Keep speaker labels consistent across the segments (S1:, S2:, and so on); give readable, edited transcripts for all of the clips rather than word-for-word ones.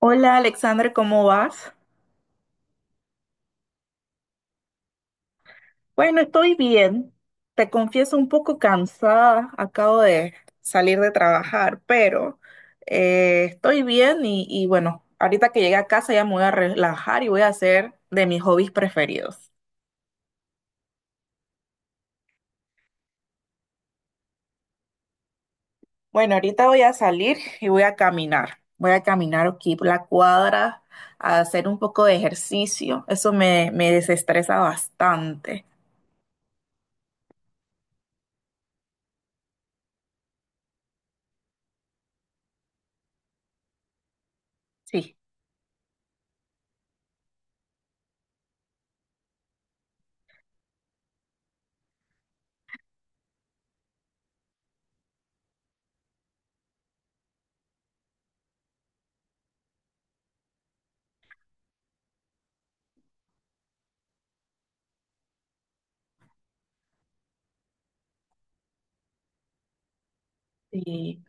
S1: Hola Alexandra, ¿cómo vas? Bueno, estoy bien. Te confieso un poco cansada. Acabo de salir de trabajar, pero estoy bien y bueno, ahorita que llegue a casa ya me voy a relajar y voy a hacer de mis hobbies preferidos. Bueno, ahorita voy a salir y voy a caminar. Voy a caminar aquí por la cuadra a hacer un poco de ejercicio. Eso me desestresa bastante. Sí. Sí.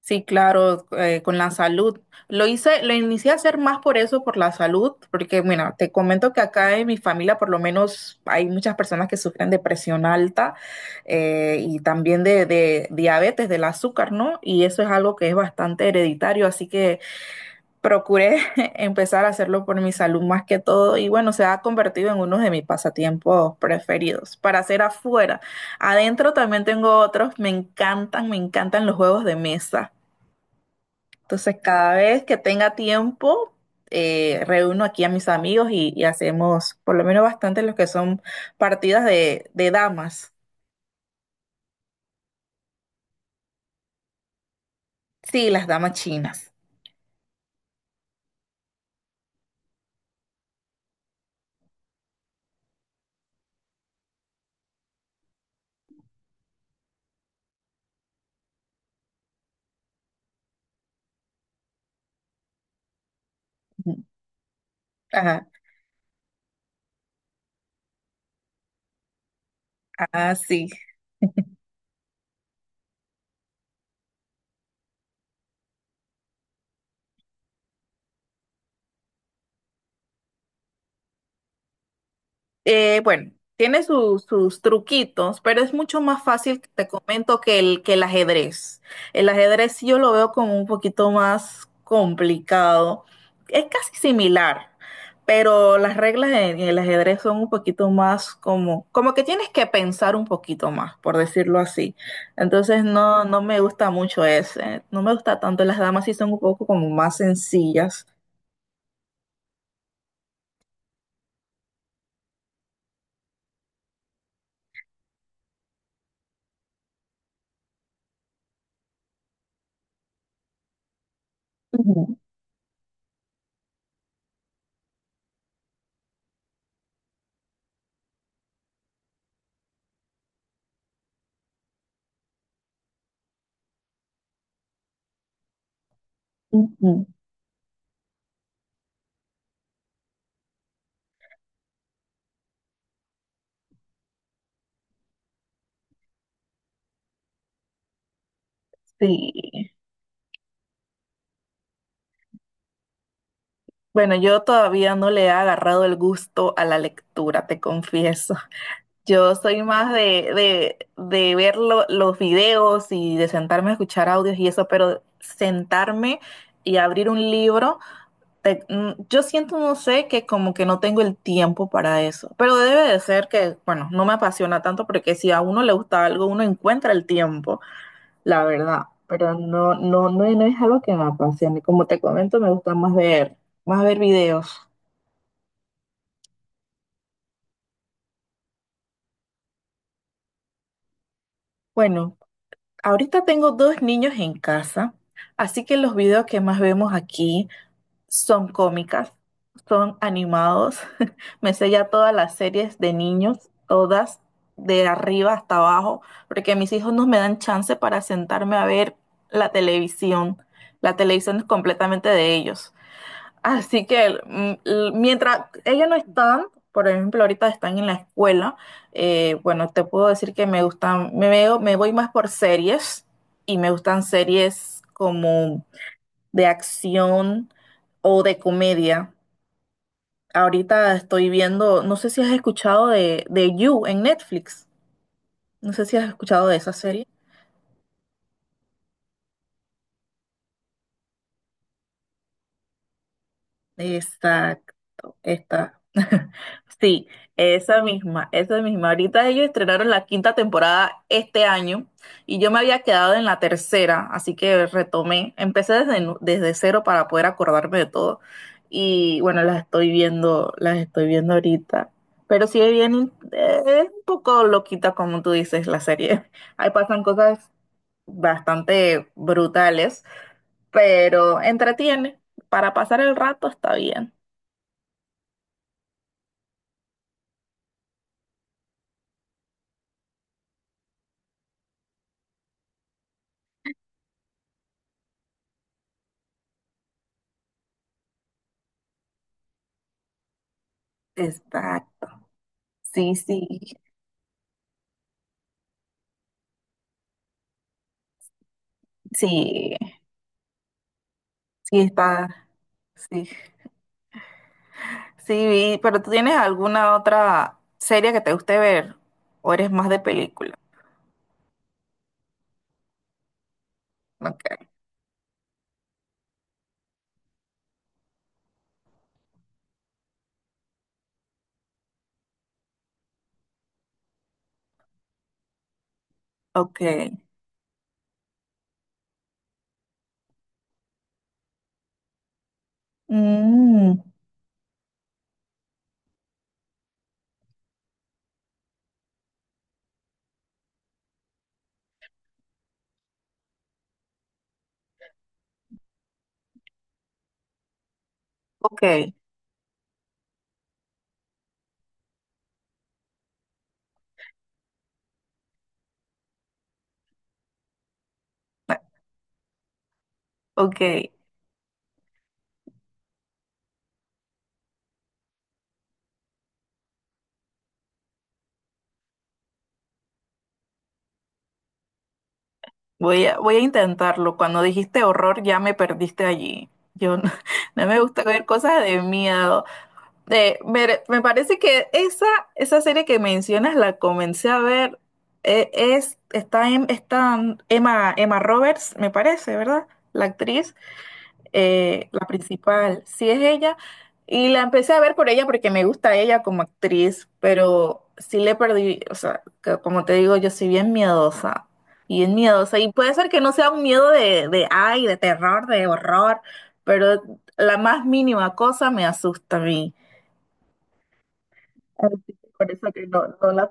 S1: Sí, claro, con la salud. Lo hice, lo inicié a hacer más por eso, por la salud, porque, mira, te comento que acá en mi familia por lo menos hay muchas personas que sufren de presión alta y también de diabetes, del azúcar, ¿no? Y eso es algo que es bastante hereditario, así que procuré empezar a hacerlo por mi salud más que todo y bueno, se ha convertido en uno de mis pasatiempos preferidos para hacer afuera. Adentro también tengo otros, me encantan los juegos de mesa. Entonces, cada vez que tenga tiempo, reúno aquí a mis amigos y hacemos por lo menos bastante los que son partidas de damas. Sí, las damas chinas. Ajá, ah, sí. Bueno, tiene sus truquitos, pero es mucho más fácil, te comento, que que el ajedrez. El ajedrez sí yo lo veo como un poquito más complicado. Es casi similar, pero las reglas en el ajedrez son un poquito más como, como que tienes que pensar un poquito más, por decirlo así. Entonces no, no me gusta mucho ese. No me gusta tanto. Las damas sí son un poco como más sencillas. Ujú, ujú. Sí. Bueno, yo todavía no le he agarrado el gusto a la lectura, te confieso. Yo soy más de ver los videos y de sentarme a escuchar audios y eso, pero sentarme y abrir un libro, yo siento, no sé, que como que no tengo el tiempo para eso. Pero debe de ser que, bueno, no me apasiona tanto porque si a uno le gusta algo, uno encuentra el tiempo, la verdad. Pero no, no, no, no es algo que me apasione. Como te comento, me gusta más ver videos. Bueno, ahorita tengo dos niños en casa, así que los videos que más vemos aquí son cómicas, son animados. Me sé ya todas las series de niños, todas, de arriba hasta abajo, porque mis hijos no me dan chance para sentarme a ver la televisión. La televisión es completamente de ellos. Así que mientras ellos no están, por ejemplo, ahorita están en la escuela, bueno, te puedo decir que me gustan, me veo, me voy más por series y me gustan series como de acción o de comedia. Ahorita estoy viendo, no sé si has escuchado de You en Netflix, no sé si has escuchado de esa serie. Exacto, esta. Sí, esa misma, esa misma. Ahorita ellos estrenaron la quinta temporada este año y yo me había quedado en la tercera, así que retomé, empecé desde, desde cero para poder acordarme de todo. Y bueno, las estoy viendo ahorita. Pero sí es bien, es un poco loquita como tú dices la serie. Ahí pasan cosas bastante brutales, pero entretiene. Para pasar el rato está bien. Está, sí, sí, sí, sí está, sí, sí, vi, pero ¿tú tienes alguna otra serie que te guste ver? ¿O eres más de película? Ok, ok, mm, ok, ah, ok, voy a, voy a intentarlo. Cuando dijiste horror ya me perdiste allí. Yo no, no me gusta ver cosas de miedo. Me parece que esa serie que mencionas la comencé a ver. Está Emma, Emma Roberts, me parece, ¿verdad? La actriz, la principal, sí es ella. Y la empecé a ver por ella porque me gusta ella como actriz, pero sí le perdí, o sea, que como te digo, yo soy bien miedosa, bien miedosa. Y puede ser que no sea un miedo de ay, de terror, de horror, pero la más mínima cosa me asusta a mí. Así que por eso que no, no la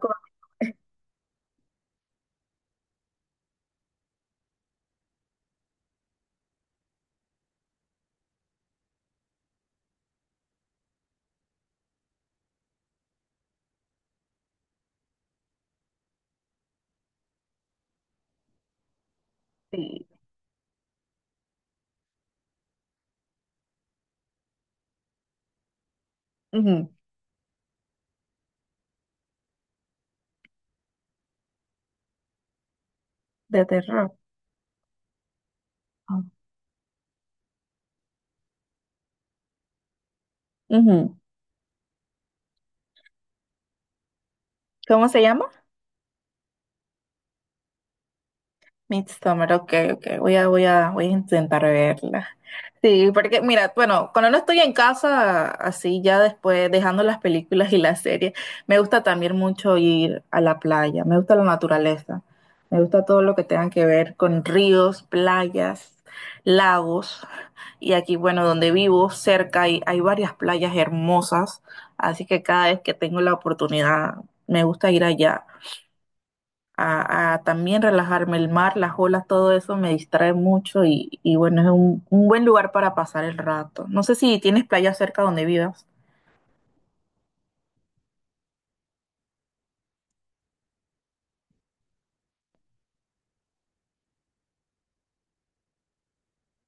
S1: conocí. Ujú. De terror. Ah. Ujú. ¿Cómo se llama? Midsommar, ok, ok, voy a, voy a, voy a intentar verla. Sí, porque mira, bueno, cuando no estoy en casa, así ya después dejando las películas y las series, me gusta también mucho ir a la playa, me gusta la naturaleza, me gusta todo lo que tenga que ver con ríos, playas, lagos, y aquí, bueno, donde vivo, cerca hay, hay varias playas hermosas, así que cada vez que tengo la oportunidad, me gusta ir allá a también relajarme. El mar, las olas, todo eso me distrae mucho y bueno, es un buen lugar para pasar el rato. No sé si tienes playa cerca donde vivas.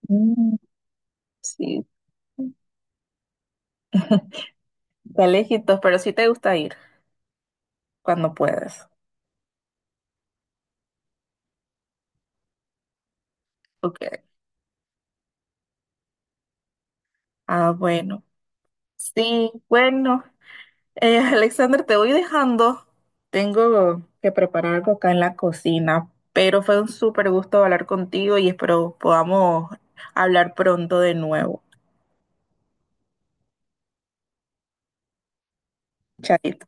S1: Mm, sí, está lejitos, pero sí te gusta ir cuando puedes. Ok. Ah, bueno. Sí, bueno. Alexander, te voy dejando. Tengo que preparar algo acá en la cocina, pero fue un súper gusto hablar contigo y espero podamos hablar pronto de nuevo. Chaito.